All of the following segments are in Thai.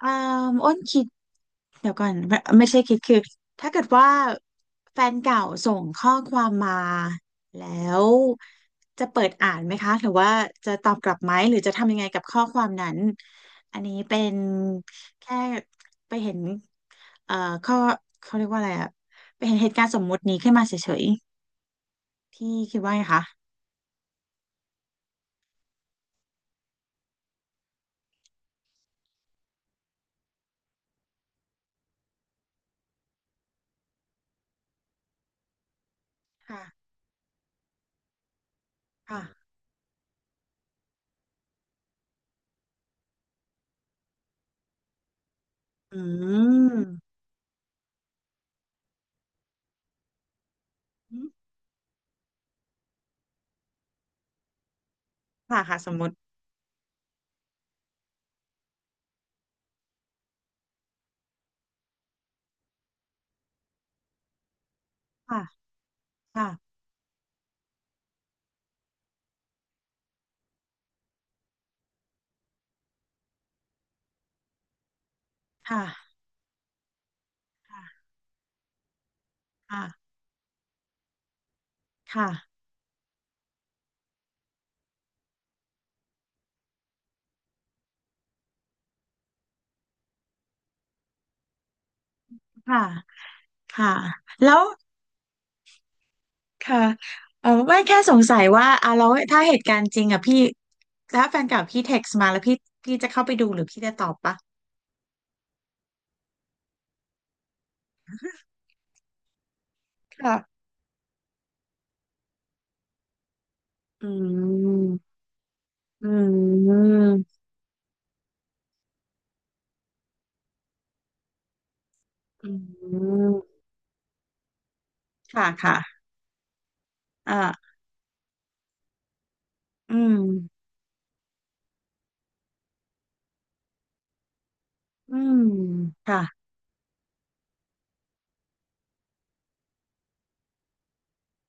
อ่าอ้นคิดเดี๋ยวก่อนไม่ไม่ใช่คิดคือถ้าเกิดว่าแฟนเก่าส่งข้อความมาแล้วจะเปิดอ่านไหมคะหรือว่าจะตอบกลับไหมหรือจะทำยังไงกับข้อความนั้นอันนี้เป็นแค่ไปเห็นเอ่อข้อเขาเรียกว่าอะไรอะไปเห็นเหตุการณ์สมมุตินี้ขึ้นมาเฉยๆพี่คิดว่าไงคะค่ะค่ะอืมอืมค่ะค่ะสมมุติค่ะค่ะค่ะค่ะค่ะค่ะค่ะ ค่ะแล้วค่ะเออไม่แค่สงสัยว่าอ่ะแล้วถ้าเหตุการณ์จริงอ่ะพี่ถ้าแฟนเก่าพี่เท็กซ์มาแล้วพี่จะเข้าไปดูหรือพี่จะตอบปะค่ะอืมอืมอืมค่ะค่ะอ่าอืมอืมค่ะ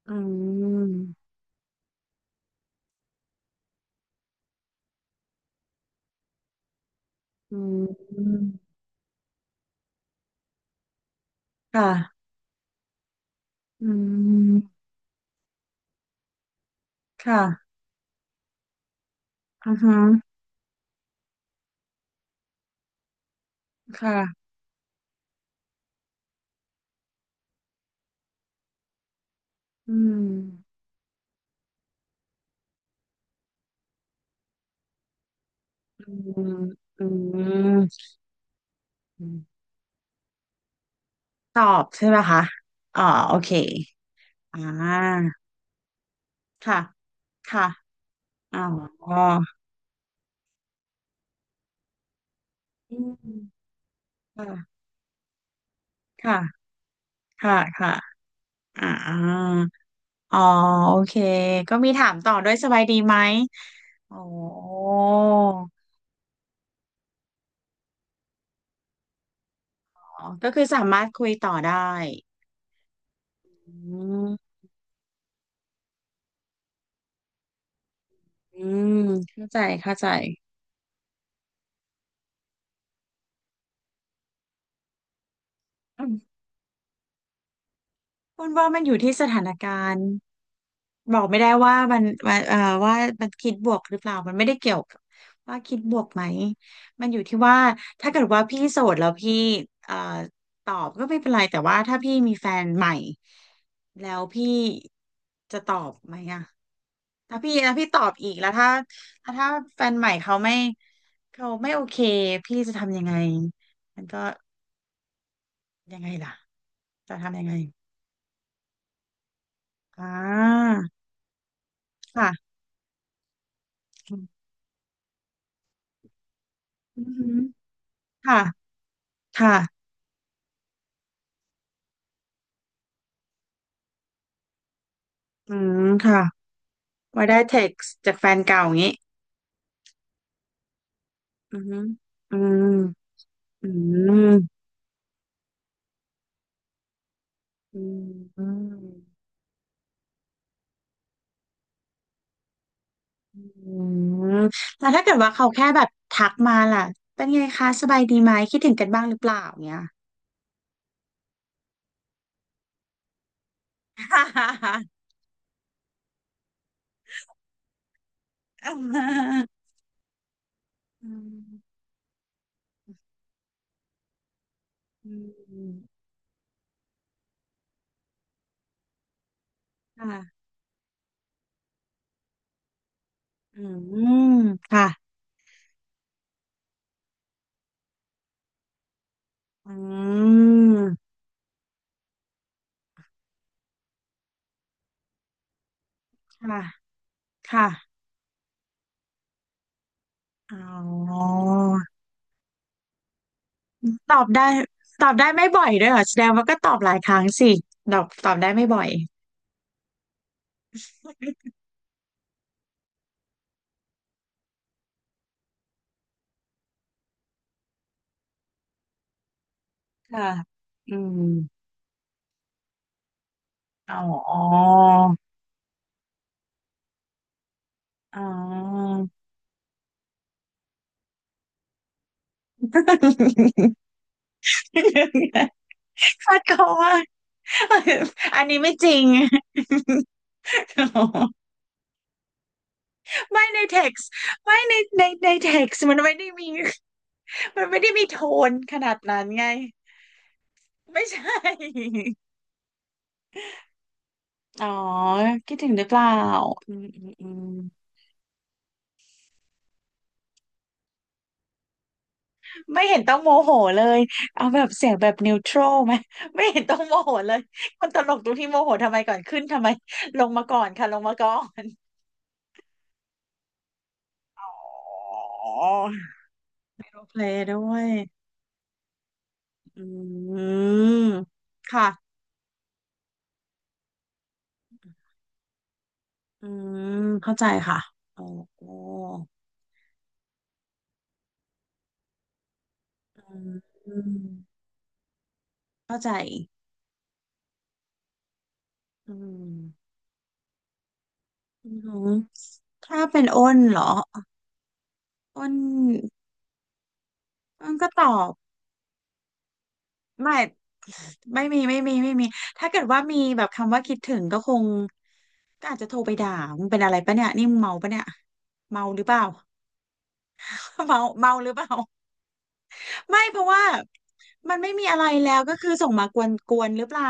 อืมอืมค่ะอืมค่ะอือฮึค่ะอืมอืมอืม ตอบใช่ไหมคะ อ๋อโอเคอ่าค่ะ ค่ะ อ๋ออืมค่ะค่ะค่ะค่ะอ่าอ๋อโอเค ก็มีถามต่อด้วยสบายดีไหมโอ้อ๋อ ก็คือสามารถคุยต่อได้อืมอืมเข้าใจเข้าใจ คุณว่ามันอยู่ที่สถานการณ์บอกไม่ได้ว่ามันว่ามันคิดบวกหรือเปล่ามันไม่ได้เกี่ยวกับว่าคิดบวกไหมมันอยู่ที่ว่าถ้าเกิดว่าพี่โสดแล้วพี่เอ่อตอบก็ไม่เป็นไรแต่ว่าถ้าพี่มีแฟนใหม่แล้วพี่จะตอบไหมอะถ้าพี่แล้วพี่ตอบอีกแล้วถ้าแล้วถ้าแฟนใหม่เขาไม่โอเคพี่จะทำยังไงมันก็ยังไงล่ะจะทำยังไงอ่าค่ะ อือหือค่ะค่ะอืมค่ะว่าได้เท็กซ์จากแฟนเก่าอย่างนี้อือหืออืมอืมอืมอืมอืมแล้วถ้าเกิดว่าเขาแค่แบบทักมาล่ะเป็นไงคะสบายดีไหมคิดถึงกันบ้างหรือเปล่าเงี้ย ฮ่าฮ่าฮ่าอืมอืมอืมค่ะอืมค่ะอืมค่ะค่ะอ๋อ ตอบได้ตอบได้ไม่บ่อยด้วยเหรอแสดงว่าก็ตอบหลายครั้งสิตอบตอบได้ไม่บ่อยค่ะอืมอ๋ออ๋อ คาดเขาว่าอันนี้ไม่จริง ไม่ในเท็ก์ไม่ในเท็ก์มันไม่ได้มีมันไม่ได้มีโทนขนาดนั้นไงไม่ใช่อ๋อคิดถึงหรือเปล่าอืมอืมอืม ไม่เห็นต้องโมโหเลย เอาแบบเสียงแบบนิวทรัลไหมไม่เห็นต้องโมโหเลยคนตลกตรงที่โมโหทำไมก่อนขึ้นทำไมลงมาก่อนค่ะลงมาก่อนอ๋อโรลเพลย์ด้วยอืมค่ะอืมเข้าใจค่ะโอ้โหอืมอืมเข้าใจอืมอืมถ้าเป็นอ้นเหรอ อ้นอ้นก็ตอบ ไม่ไม่มีไม่มีไม่มีถ้าเกิดว่ามีแบบคำว่าคิดถึงก็คงก็อาจจะโทรไปด่ามึงเป็นอะไรปะเนี่ยนี่มึงเมาปะเนี่ยเมาหรือเปล่า เมาเมาหรือเปล่าไม่เพราะว่ามันไม่มีอะไรแล้วก็คือส่งมากวนกวนหรือเปล่า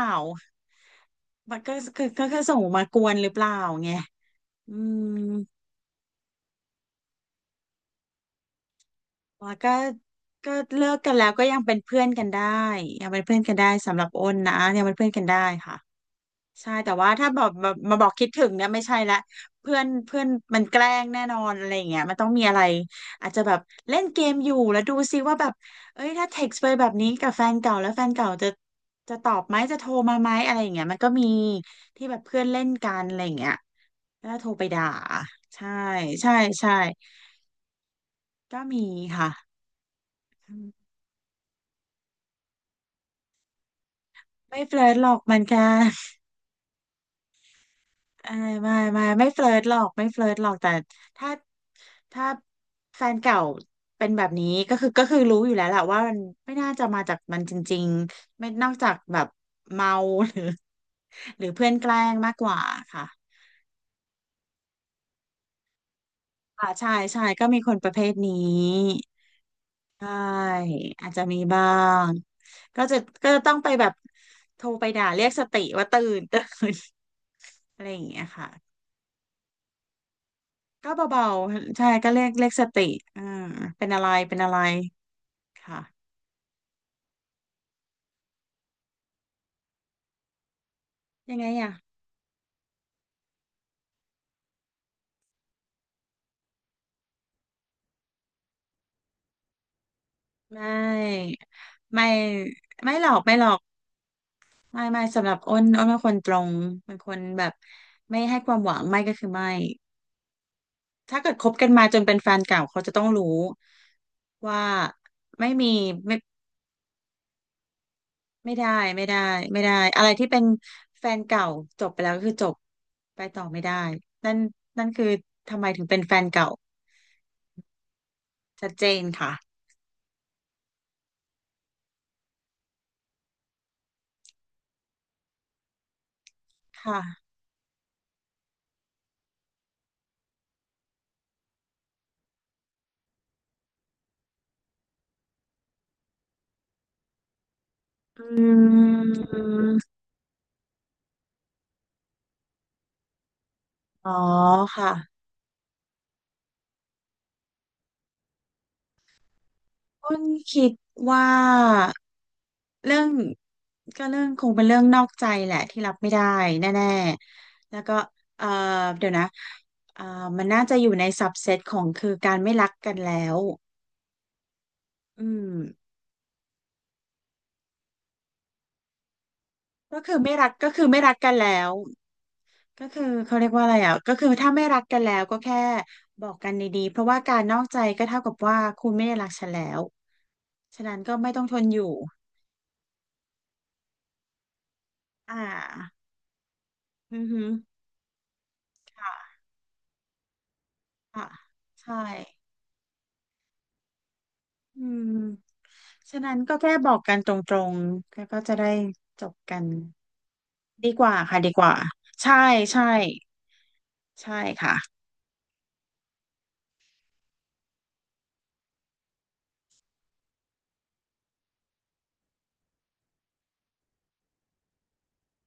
มันก็คือก็คือส่งมากวนหรือเปล่าไงอืมแล้วก็ก็เลิกกันแล้วก็ยังเป็นเพื่อนกันได้ยังเป็นเพื่อนกันได้สำหรับอ้นนะยังเป็นเพื่อนกันได้ค่ะ ใช่แต่ว่าถ้าบอกแบบมาบอกคิดถึงเนี่ยไม่ใช่ละเพื่อนเพื่อนมันแกล้งแน่นอนอะไรอย่างเงี้ยมันต้องมีอะไรอาจจะแบบเล่นเกมอยู่แล้วดูซิว่าแบบเอ้ยถ้าเท็กซ์ไปแบบนี้กับแฟนเก่าแล้วแฟนเก่าจะตอบไหมจะโทรมาไหมอะไรอย่างเงี้ยมันก็มีที่แบบเพื่อนเล่นกันอะไรอย่างเงี้ยแล้วโทรไปด่าใช่ใช่ใช่ก็มีค่ะไม่เฟลิร์ตหรอกมันกัน อ่าไม่ไม่ไม่เฟลิร์ตหรอกไม่เฟลิร์ตหรอกแต่ถ้าถ้าแฟนเก่าเป็นแบบนี้ก็คือก็คือรู้อยู่แล้วแหละว่ามันไม่น่าจะมาจากมันจริงๆไม่นอกจากแบบเมาหรือหรือเพื่อนแกล้งมากกว่าค่ะอ่าใช่ใช่ก็มีคนประเภทนี้ใช่อาจจะมีบ้างก็จะก็จะต้องไปแบบโทรไปด่าเรียกสติว่าตื่นตื่น อะไรอย่างเงี้ยค่ะ ก็เบาๆใช่ก็เรียกเรียกสติอ่าเป็นอะไรเป็นอะไรค่ะยังไงอ่ะไม่ไม่ไม่หรอกไม่หรอกไม่ ไม่สำหรับอ้นอ้นเป็นคนตรงเป็นคนแบบไม่ให้ความหวังไม่ก็คือไม่ถ้าเกิดคบกันมาจนเป็นแฟนเก่าเขาจะต้องรู้ว่าไม่มีไม่ไม่ได้ไม่ได้ไม่ได้อะไรที่เป็นแฟนเก่าจบไปแล้วก็คือจบไปต่อไม่ได้นั่นนั่นคือทำไมถึงเป็นแฟนเก่าชัดเจนค่ะค่ะ อืมอ๋อค่ะต้นคิดว่าเรื่องก็เรื่องคงเป็นเรื่องนอกใจแหละที่รับไม่ได้แน่ๆแล้วก็เอ่อเดี๋ยวนะเอ่อมันน่าจะอยู่ในซับเซตของคือการไม่รักกันแล้วอืมก็คือไม่รักก็คือไม่รักกันแล้วก็คือเขาเรียกว่าอะไรอ่ะก็คือถ้าไม่รักกันแล้วก็แค่บอกกันดีๆเพราะว่าการนอกใจก็เท่ากับว่าคุณไม่ได้รักฉันแล้วฉะนั้นก็ไม่ต้องทนอยู่อ่า อือฮึค่ะค่ะใช่อืมฉะนั้นก็แค่บอกกันตรงๆ แล้วก็จะได้จบกันดีกว่าค่ะดีกว่าใช่ใช่ใช่ค่ะ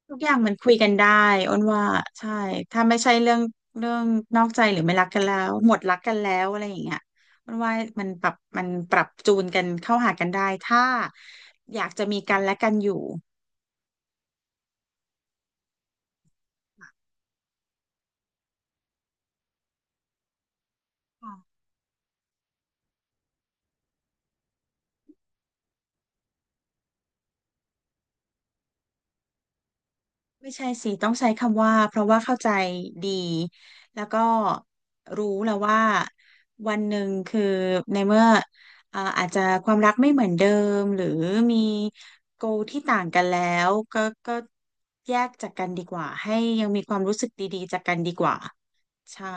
ทุกอย่างมันคุยกันได้อ้นว่าใช่ถ้าไม่ใช่เรื่องเรื่องนอกใจหรือไม่รักกันแล้วหมดรักกันแล้วอะไรอย่างเงี้ยอ้นว่ามันปรับจูนกันเข้าหากันได้ถ้าอยากจะมีกันและกันอยู่ ไม่ใช่สิต้องใช้คำว่าเพราะว่าเข้าใจดีแล้วก็รู้แล้วว่าวันหนึ่งคือในเมื่ออาจจะความรักไม่เหมือนเดิมหรือมีโก a ที่ต่างกันแล้วก็ก็แยกจากกันดีกว่าให้ยังมีความรู้สึกดีๆจากกันดีกว่าใช่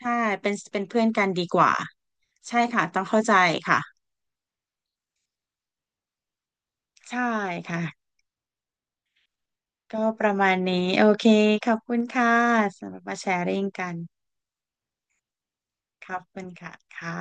ใช่เป็นเป็นเพื่อนกันดีกว่าใช่ค่ะต้องเข้าใจค่ะใช่ค่ะก็ประมาณนี้โอเคขอบคุณค่ะสำหรับมาแชร์ริ่งกัน ขอบคุณค่ะค่ะ